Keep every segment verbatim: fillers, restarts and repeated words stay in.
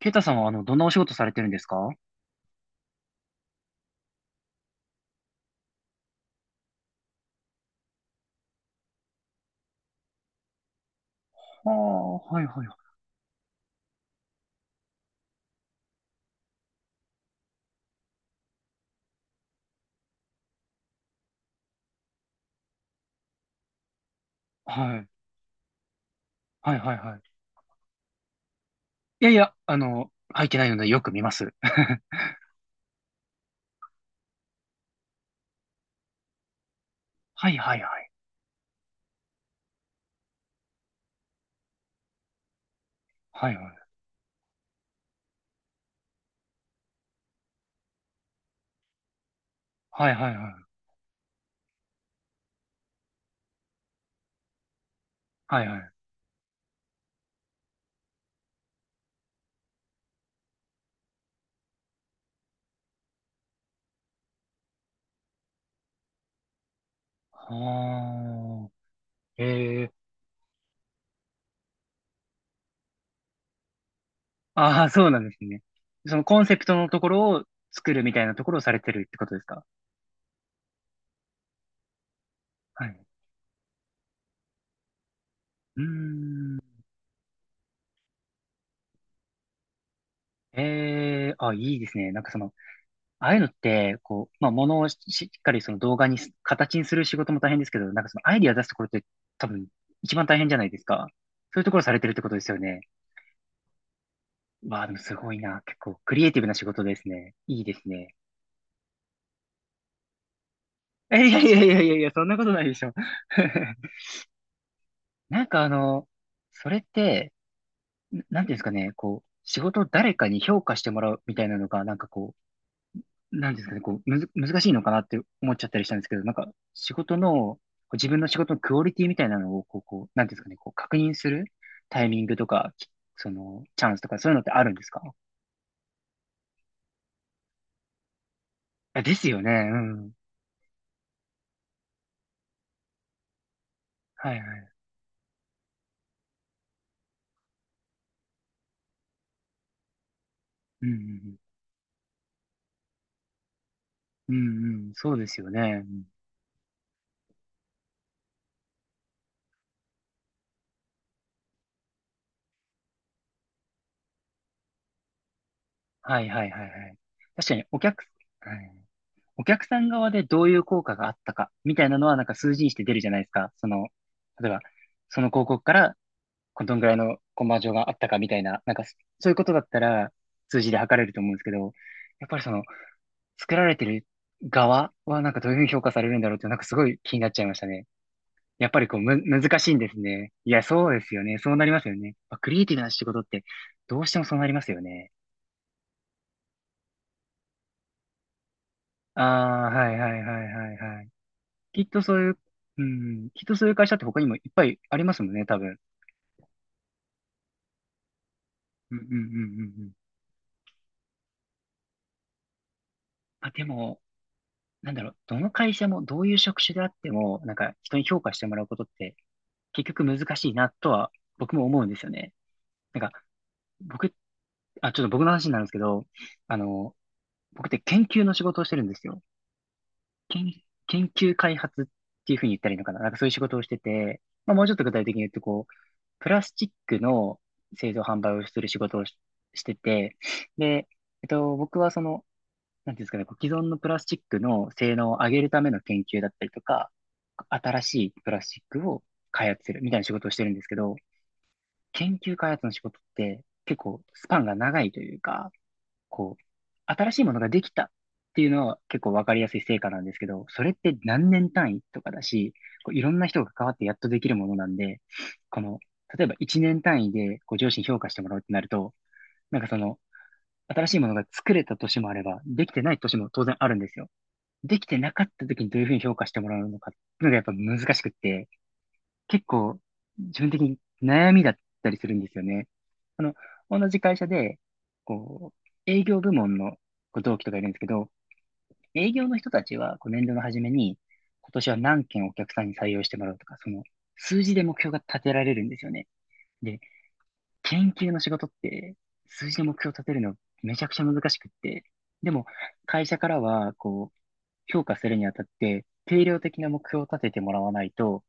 ケイタさんは、あの、どんなお仕事されてるんですかは？あ、はいはいはい。はい。はいはいはい。いやいや、あの、入ってないのでよく見ます。はいはいはい。はいはい。はいはいはい。はいはい。はあ。ええ。ああ、そうなんですね。そのコンセプトのところを作るみたいなところをされてるってことですか？はい。うーん。ええ、あ、いいですね。なんかその、ああいうのって、こう、まあ、ものをし、しっかりその動画にす、形にする仕事も大変ですけど、なんかそのアイディア出すところって多分一番大変じゃないですか。そういうところされてるってことですよね。わあ、でもすごいな。結構クリエイティブな仕事ですね。いいですね。えいやいやいやいやいや、そんなことないでしょ。なんかあの、それって、ななんていうんですかね、こう、仕事を誰かに評価してもらうみたいなのが、なんかこう、なんですかね、こう、むず、難しいのかなって思っちゃったりしたんですけど、なんか、仕事の、こう自分の仕事のクオリティみたいなのを、こう、こう、なんていうんですかね、こう、確認するタイミングとか、きその、チャンスとか、そういうのってあるんですか？あですよね、うん。はいはい。うん、うん、うん、うんうん、そうですよね。うんはいはいはいはい。確かに、お客、はい、お客さん側でどういう効果があったか、みたいなのは、なんか数字にして出るじゃないですか。その、例えば、その広告からこどんぐらいのコンバージョンがあったかみたいな、なんかそそういうことだったら数字で測れると思うんですけど、やっぱりその作られてる側はなんかどういうふうに評価されるんだろうってなんかすごい気になっちゃいましたね。やっぱりこうむ、難しいんですね。いや、そうですよね。そうなりますよね。まあクリエイティブな仕事ってどうしてもそうなりますよね。ああ、はいはいはいはいはい。きっとそういう、うん、きっとそういう会社って他にもいっぱいありますもんね、多分。うんうんうんうんうん。まあ、でも、なんだろう、どの会社もどういう職種であっても、なんか人に評価してもらうことって結局難しいなとは僕も思うんですよね。なんか僕、あ、ちょっと僕の話になるんですけど、あの、僕って研究の仕事をしてるんですよ。研、研究開発っていうふうに言ったらいいのかな。なんかそういう仕事をしてて、まあ、もうちょっと具体的に言うと、こう、プラスチックの製造販売をする仕事をし、してて、で、えっと、僕はその、なんていうんですかね、こう既存のプラスチックの性能を上げるための研究だったりとか、新しいプラスチックを開発するみたいな仕事をしてるんですけど、研究開発の仕事って結構スパンが長いというか、こう、新しいものができたっていうのは結構わかりやすい成果なんですけど、それって何年単位とかだし、こういろんな人が関わってやっとできるものなんで、この、例えばいちねん単位でこう上司に評価してもらうってなると、なんかその、新しいものが作れた年もあれば、できてない年も当然あるんですよ。できてなかった時にどういうふうに評価してもらうのかっていうのがやっぱ難しくって、結構自分的に悩みだったりするんですよね。あの、同じ会社で、こう、営業部門のこう同期とかいるんですけど、営業の人たちはこう年度の初めに、今年は何件お客さんに採用してもらうとか、その数字で目標が立てられるんですよね。で、研究の仕事って数字で目標を立てるのめちゃくちゃ難しくって、でも会社からは、こう、評価するにあたって、定量的な目標を立ててもらわないと、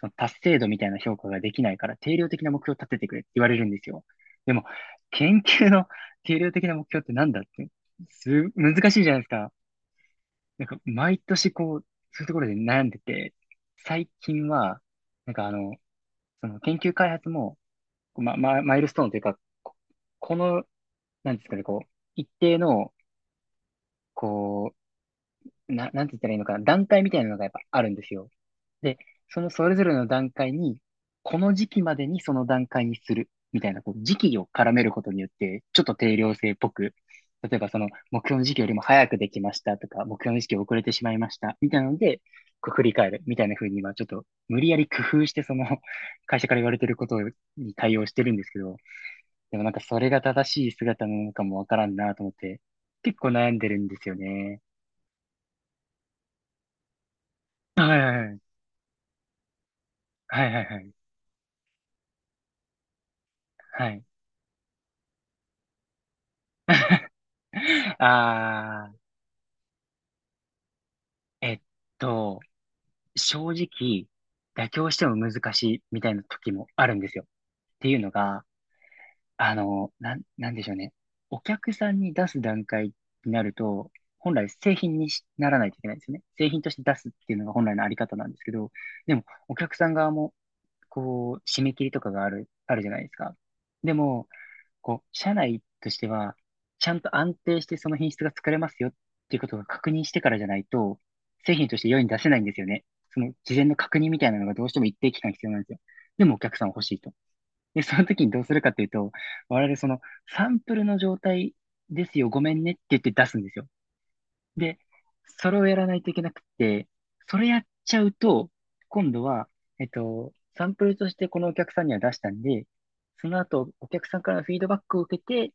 その達成度みたいな評価ができないから、定量的な目標を立ててくれって言われるんですよ。でも、研究の定量的な目標ってなんだって、す、難しいじゃないですか。なんか、毎年こう、そういうところで悩んでて、最近は、なんかあの、その研究開発も、ま、ま、マイルストーンというか、ここの、なんですかね、こう、一定の、こう、な、なんて言ったらいいのかな、段階みたいなのがやっぱあるんですよ。で、そのそれぞれの段階に、この時期までにその段階にする、みたいな、こう、時期を絡めることによって、ちょっと定量性っぽく、例えばその、目標の時期よりも早くできましたとか、目標の時期遅れてしまいました、みたいなので、こう振り返る、みたいな風に今、ちょっと、無理やり工夫して、その、会社から言われてることに対応してるんですけど、でもなんかそれが正しい姿なのかもわからんなと思って、結構悩んでるんですよね。はいはいはい。はいはいはい。はい。あえっと、正直、妥協しても難しいみたいな時もあるんですよ。っていうのが、あの、なん、なんでしょうね。お客さんに出す段階になると、本来製品にしならないといけないんですよね。製品として出すっていうのが本来のあり方なんですけど、でも、お客さん側も、こう、締め切りとかがある、あるじゃないですか。でも、こう、社内としては、ちゃんと安定してその品質が作れますよっていうことが確認してからじゃないと、製品として世に出せないんですよね。その事前の確認みたいなのがどうしても一定期間必要なんですよ。でもお客さんは欲しいと。で、その時にどうするかっていうと、我々そのサンプルの状態ですよ、ごめんねって言って出すんですよ。で、それをやらないといけなくて、それやっちゃうと、今度は、えっと、サンプルとしてこのお客さんには出したんで、その後、お客さんからのフィードバックを受けて、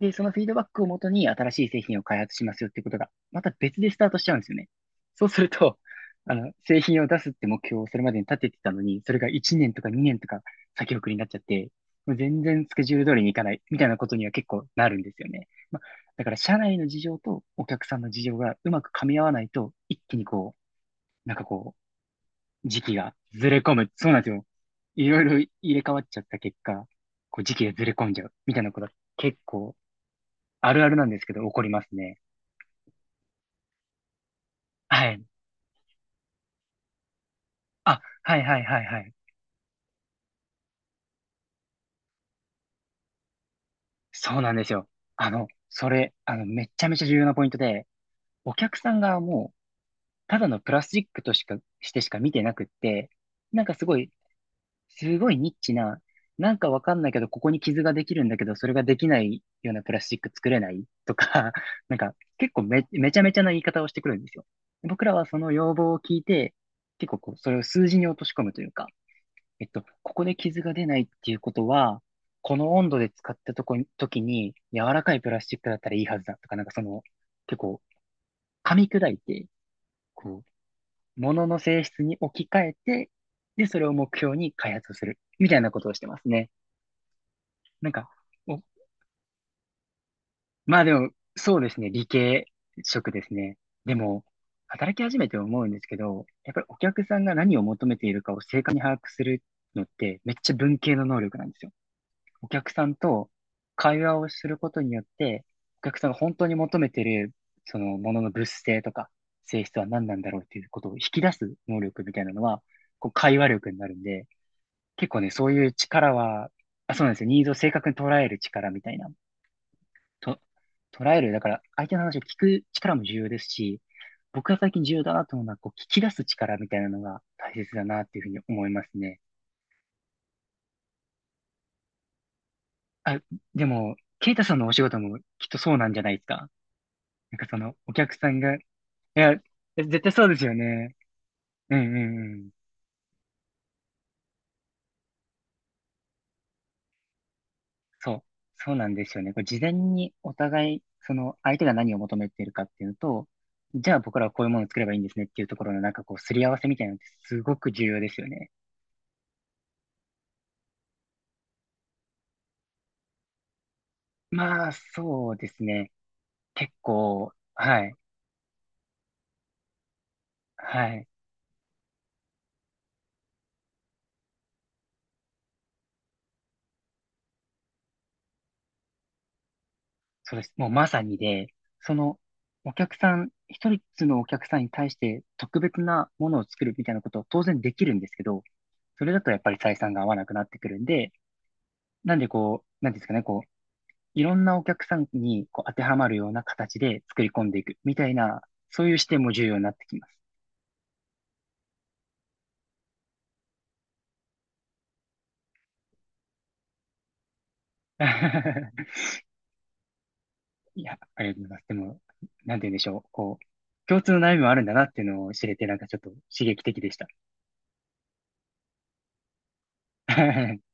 で、そのフィードバックをもとに新しい製品を開発しますよってことが、また別でスタートしちゃうんですよね。そうすると、あの、製品を出すって目標をそれまでに立ててたのに、それがいちねんとかにねんとか先送りになっちゃって、もう全然スケジュール通りにいかないみたいなことには結構なるんですよね。まあ、だから社内の事情とお客さんの事情がうまく噛み合わないと、一気にこう、なんかこう、時期がずれ込む。そうなんですよ。いろいろ入れ替わっちゃった結果、こう時期がずれ込んじゃうみたいなことが結構あるあるなんですけど、怒りますね。はい。あ、はいはいはいはい。そうなんですよ。あの、それ、あの、めっちゃめちゃ重要なポイントで、お客さんがもう、ただのプラスチックとしか、してしか見てなくって、なんかすごい、すごいニッチな、なんかわかんないけど、ここに傷ができるんだけど、それができないようなプラスチック作れないとか、なんか結構め、めちゃめちゃな言い方をしてくるんですよ。僕らはその要望を聞いて、結構こう、それを数字に落とし込むというか、えっと、ここで傷が出ないっていうことは、この温度で使ったとこに、時に柔らかいプラスチックだったらいいはずだとか、なんかその、結構噛み砕いて、こう、物の性質に置き換えて、で、それを目標に開発をする、みたいなことをしてますね。なんか、お、まあでも、そうですね、理系職ですね。でも、働き始めて思うんですけど、やっぱりお客さんが何を求めているかを正確に把握するのって、めっちゃ文系の能力なんですよ。お客さんと会話をすることによって、お客さんが本当に求めてる、そのものの物性とか性質は何なんだろうっていうことを引き出す能力みたいなのは、こう会話力になるんで、結構ね、そういう力は、あ、そうなんですよ。ニーズを正確に捉える力みたいな。と、捉える、だから相手の話を聞く力も重要ですし、僕が最近重要だなと思うのは、こう聞き出す力みたいなのが大切だなっていうふうに思いますね。あ、でも、ケイタさんのお仕事もきっとそうなんじゃないですか。なんかその、お客さんが、いや、絶対そうですよね。うんうんうん。そう。そうなんですよね。これ事前にお互い、その、相手が何を求めているかっていうのと、じゃあ僕らはこういうものを作ればいいんですねっていうところのなんかこう、すり合わせみたいなのってすごく重要ですよね。まあ、そうですね。結構、はい。はい。そうです。もうまさにで、そのお客さん、ひとりのお客さんに対して特別なものを作るみたいなことは当然できるんですけど、それだとやっぱり採算が合わなくなってくるんで、なんでこう、なんていうんですかね、こう、いろんなお客さんにこう当てはまるような形で作り込んでいくみたいな、そういう視点も重要になってきます。いや、ありがとうございます。でも、なんて言うんでしょう。こう、共通の悩みもあるんだなっていうのを知れて、なんかちょっと刺激的でした。